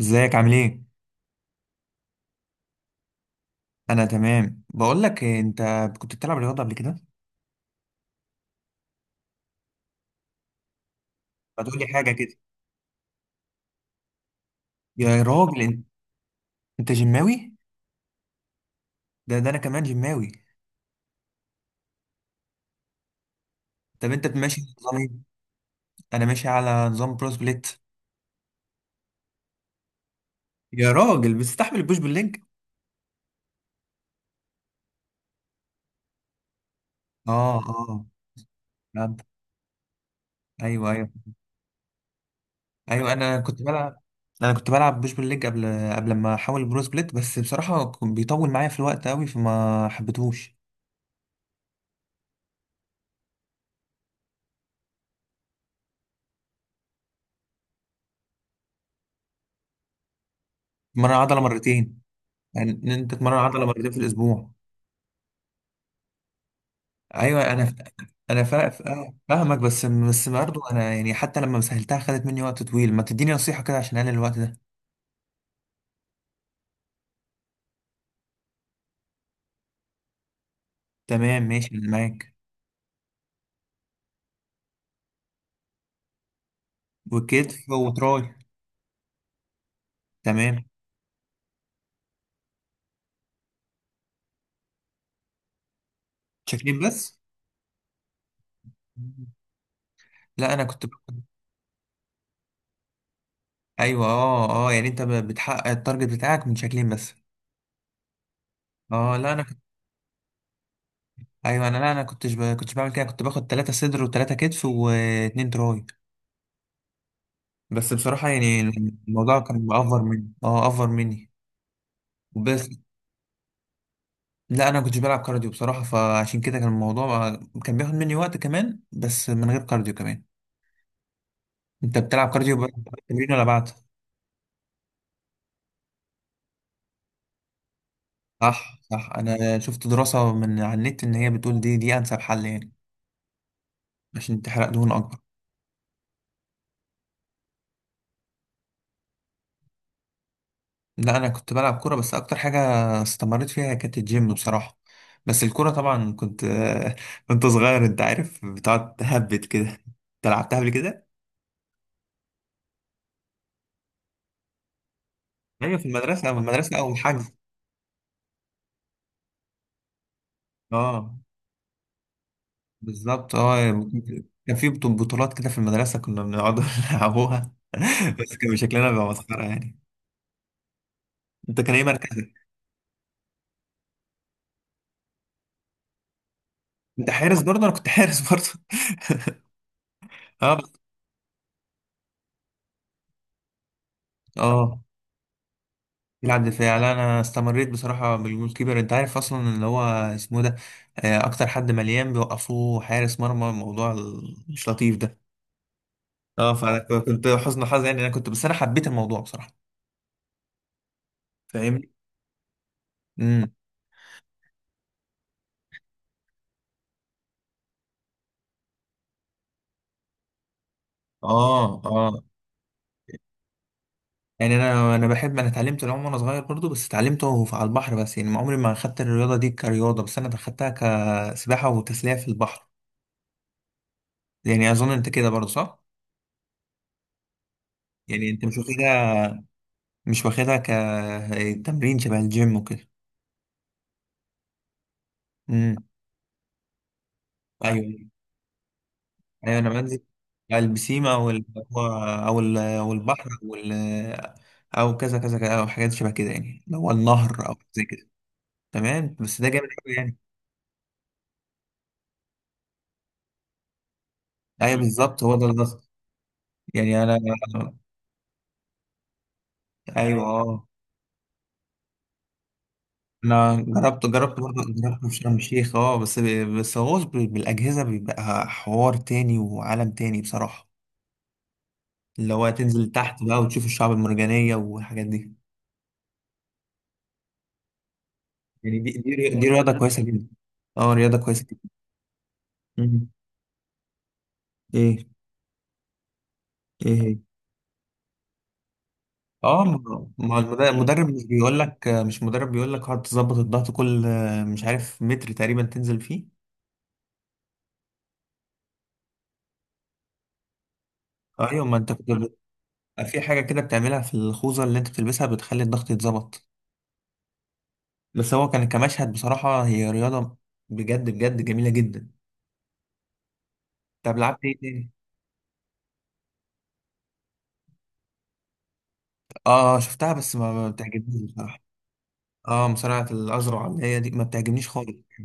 ازيك عامل ايه؟ انا تمام، بقول لك إيه، انت كنت بتلعب رياضه قبل كده؟ ما تقول لي حاجه كده. يا راجل انت. أنت جماوي؟ ده انا كمان جماوي. طب انت ماشي على نظام ايه؟ انا ماشي على نظام برو سبليت. يا راجل بتستحمل البوش بالليج؟ اه، اه. فهمت. ايوه، ايوه. ايوه انا كنت بلعب. انا كنت بلعب بوش بالليج قبل، قبل ما احول برو سبليت، بس بصراحه كان بيطول معايا في الوقت قوي فما حبيتهوش. مرة عضله مرتين، يعني ان انت تتمرن عضله مرتين في الاسبوع. ايوه انا، انا فاهمك، بس برضه انا يعني حتى لما سهلتها خدت مني وقت طويل. ما تديني نصيحة كده عشان اقلل الوقت ده. تمام ماشي انا معاك. وكتف وتراي. تمام. شكلين بس؟ لا انا كنت ايوه، اه، اه، يعني انت بتحقق التارجت بتاعك من شكلين بس؟ اه، لا انا كنت. ايوه انا، لا انا كنتش بعمل كده، كنت باخد 3 صدر و3 كتف و2 تراي. بس بصراحة يعني الموضوع كان افر مني وبس. لا انا كنتش بلعب كارديو بصراحه، فعشان كده كان الموضوع كان بياخد مني وقت كمان، بس من غير كارديو كمان. انت بتلعب كارديو بعد التمرين ولا بعد؟ صح، صح، انا شفت دراسه من على النت، ان هي بتقول دي انسب حل يعني عشان تحرق دهون اكبر. لا انا كنت بلعب كوره، بس اكتر حاجه استمريت فيها كانت الجيم بصراحه. بس الكوره طبعا كنت كنت صغير، انت عارف بتقعد تهبد كده. انت لعبتها قبل كده؟ ايوه، في المدرسه، اول حاجه. اه بالظبط، يعني كان في بطولات كده في المدرسة، كنا بنقعد نلعبوها. بس كان شكلنا بيبقى مسخرة يعني. انت كان ايه مركزك؟ انت حارس برضه؟ انا كنت حارس برضه اه اه، بيلعب دفاع. لا انا استمريت بصراحة بالجول كيبر. انت عارف اصلا اللي هو اسمه ده، اكتر حد مليان بيوقفوه حارس مرمى، الموضوع مش لطيف ده. اه، فانا كنت حزن حظ يعني، انا كنت، بس انا حبيت الموضوع بصراحة. فاهمني؟ امم. اه، اه، يعني انا بحب، انا اتعلمت العوم وانا صغير برضو، بس اتعلمته على البحر، بس يعني ما عمري ما خدت الرياضه دي كرياضه، بس انا خدتها كسباحه وتسليه في البحر. يعني اظن انت كده برضو صح؟ يعني انت مش واخدها كتمرين شبه الجيم وكده؟ امم. ايوه، ايوه انا بنزل على البسيمه او البحر او كذا كذا كذا، او حاجات شبه كده، يعني اللي هو النهر او زي كده. تمام، بس ده جامد قوي يعني. ايوه بالظبط هو ده القصد. يعني انا، ايوه اه انا جربت برضه جربت في شرم الشيخ، بس. بس غوص بالاجهزه بيبقى حوار تاني وعالم تاني بصراحه، اللي هو تنزل تحت بقى وتشوف الشعب المرجانيه والحاجات دي. يعني دي رياضه كويسه جدا. اه رياضه كويسه جدا. مم. ايه؟ ايه هي؟ اه، ما المدرب مش بيقول لك، مش مدرب، بيقول لك اقعد تظبط الضغط كل مش عارف متر تقريبا تنزل فيه. ايوه ما انت كنت في حاجه كده بتعملها في الخوذه اللي انت بتلبسها بتخلي الضغط يتظبط. بس هو كان كمشهد بصراحة، هي رياضة بجد بجد جميلة جدا. طب لعبت ايه تاني؟ اه، شفتها، بس ما بتعجبنيش بصراحة. اه، مصارعة الأزرع اللي هي دي ما بتعجبنيش خالص، ما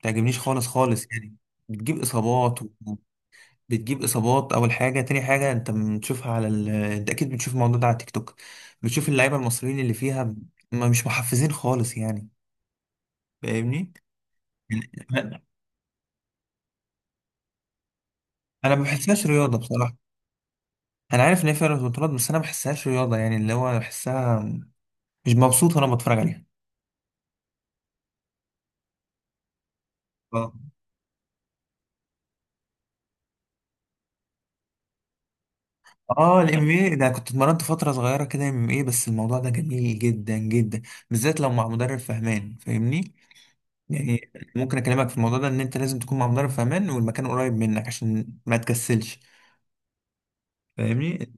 بتعجبنيش خالص خالص يعني. بتجيب إصابات و... بتجيب إصابات أول حاجة، تاني حاجة أنت بتشوفها على أنت أكيد بتشوف الموضوع ده على تيك توك، بتشوف اللعيبة المصريين اللي فيها ما مش محفزين خالص يعني. فاهمني؟ يعني أنا ما بحسهاش رياضة بصراحة. انا عارف ان هي فيها بطولات، بس انا ما بحسهاش رياضه، يعني اللي هو بحسها مش مبسوط وانا بتفرج عليها. اه، اه، الام اي ده كنت اتمرنت فتره صغيره كده ام اي، بس الموضوع ده جميل جدا جدا، بالذات لو مع مدرب فهمان، فاهمني؟ يعني ممكن اكلمك في الموضوع ده، ان انت لازم تكون مع مدرب فهمان والمكان قريب منك عشان ما تكسلش. فاهمني؟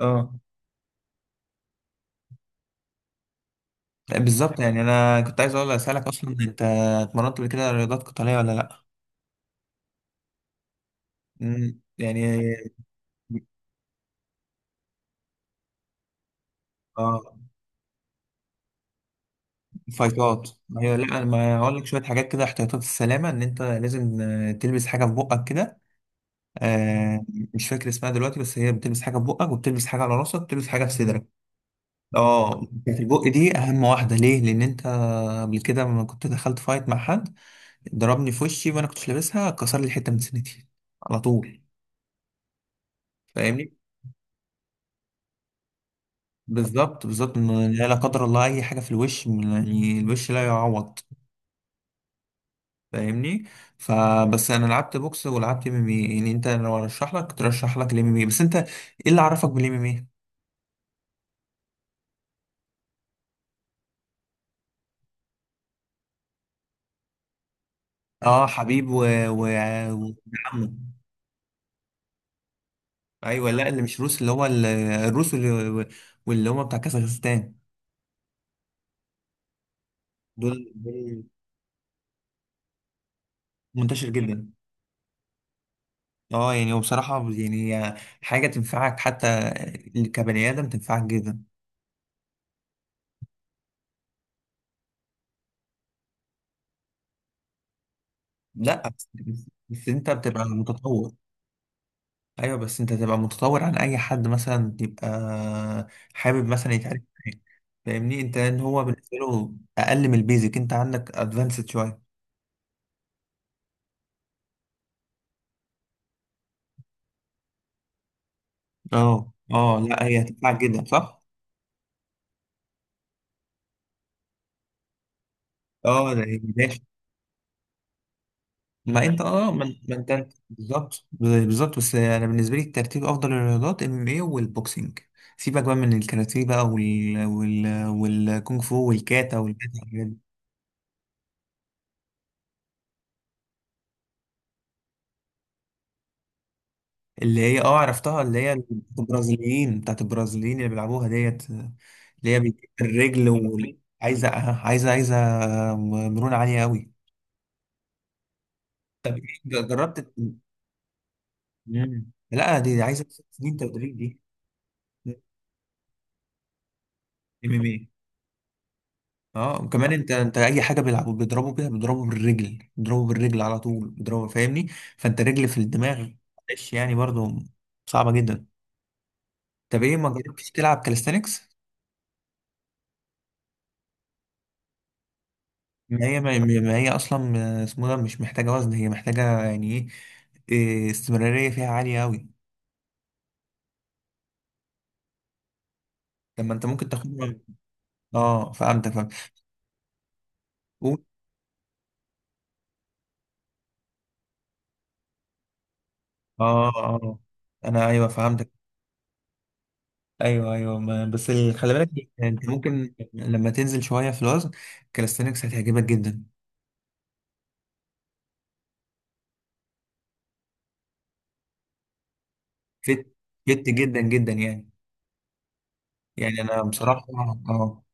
اه، لا، بالظبط، يعني انا كنت عايز اقول اسالك اصلا، انت اتمرنت قبل كده رياضات قتاليه ولا لا؟ مم، يعني اه فايتات. ما هي لا، أنا ما هقول لك شويه حاجات كده، احتياطات السلامه، ان انت لازم تلبس حاجه في بقك كده. آه، مش فاكر اسمها دلوقتي، بس هي بتلبس حاجه في بقك، وبتلبس حاجه على راسك، وبتلبس حاجه في صدرك. اه، بتاعت البق دي اهم واحده، ليه؟ لان انت قبل كده لما كنت دخلت فايت مع حد، ضربني في وشي وانا كنتش لابسها، كسر لي حته من سنتي على طول. فاهمني؟ بالظبط بالظبط، إن لا لا قدر الله اي حاجه في الوش، يعني الوش لا يعوض. فاهمني؟ فبس انا لعبت بوكس ولعبت ام ام اي، يعني انت لو ارشح لك كنت ارشح لك الام ام اي، بس انت ايه اللي عرفك بالام ام اي؟ اه، حبيب، و، و، و-، عمه. ايوه، لا، اللي مش روس، اللي هو الروس، واللي واللي هم بتاع كازاخستان. دول منتشر جدا. اه، يعني وبصراحة يعني هي حاجة تنفعك، حتى كبني آدم تنفعك جدا. لا بس، بس انت بتبقى متطور. ايوه بس انت تبقى متطور عن اي حد مثلا يبقى حابب مثلا يتعرف معاك. فاهمني انت، ان هو بالنسبه له اقل من البيزك، انت عندك ادفانسد شويه. اه، اه، لا، هي هتنفعك جدا صح. اه، ده ماشي. ما انت بالظبط بالظبط، بس انا بالنسبه لي الترتيب افضل الرياضات ام ام اي والبوكسنج. سيبك بقى من الكاراتيه بقى والكونغ فو والكاتا والحاجات اللي هي، عرفتها، اللي هي بتاعت البرازيليين اللي بيلعبوها ديت، اللي هي بتجيب الرجل وعايزة عايزة مرونة عالية قوي. طب إيه، جربت؟ مم. لا دي عايزة 6 سنين تدريب دي. ام ام ايه. اه وكمان انت اي حاجه بيلعبوا بيضربوا بيها، بيضربوا بالرجل، بيضربوا بالرجل على طول بيضربوا، فاهمني؟ فانت رجل في الدماغ. معلش، يعني برضو صعبه جدا. طب ايه ما جربتش تلعب كاليستانكس؟ ما هي اصلا اسمه ده، مش محتاجه وزن، هي محتاجه يعني ايه، إيه، استمراريه فيها عاليه قوي. طب ما انت ممكن تاخدها. اه فهمتك، فهمت. قول. اه، اه، انا ايوه فهمتك. ايوه، ايوه، ما بس خلي بالك انت ممكن لما تنزل شويه في الوزن كالستنكس هتعجبك جدا. فت، فت جدا جدا يعني. يعني انا بصراحه، اه،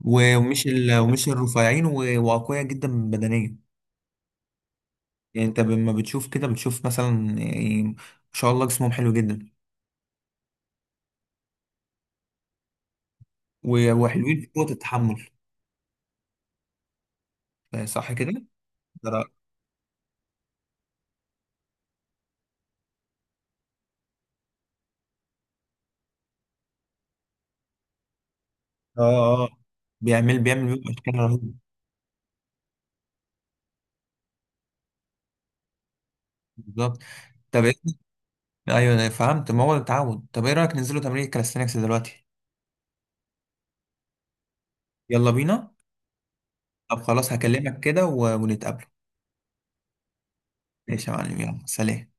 ومش ومش الرفيعين واقوياء جدا بدنيا. يعني انت لما بتشوف كده بتشوف مثلا، يعني ما شاء الله، جسمهم حلو جدا. وحلوين في قوة التحمل، صح كده؟ ده رأيك؟ اه، اه، بيعمل بيبقى اشكال رهيب. بالظبط. طب ايه، ايوه انا فهمت ما هو التعود. طب ايه رأيك ننزلوا تمرين الكاليستانكس دلوقتي؟ يلا بينا. طب خلاص، هكلمك كده ونتقابلوا. ماشي يا معلم، يلا سلام.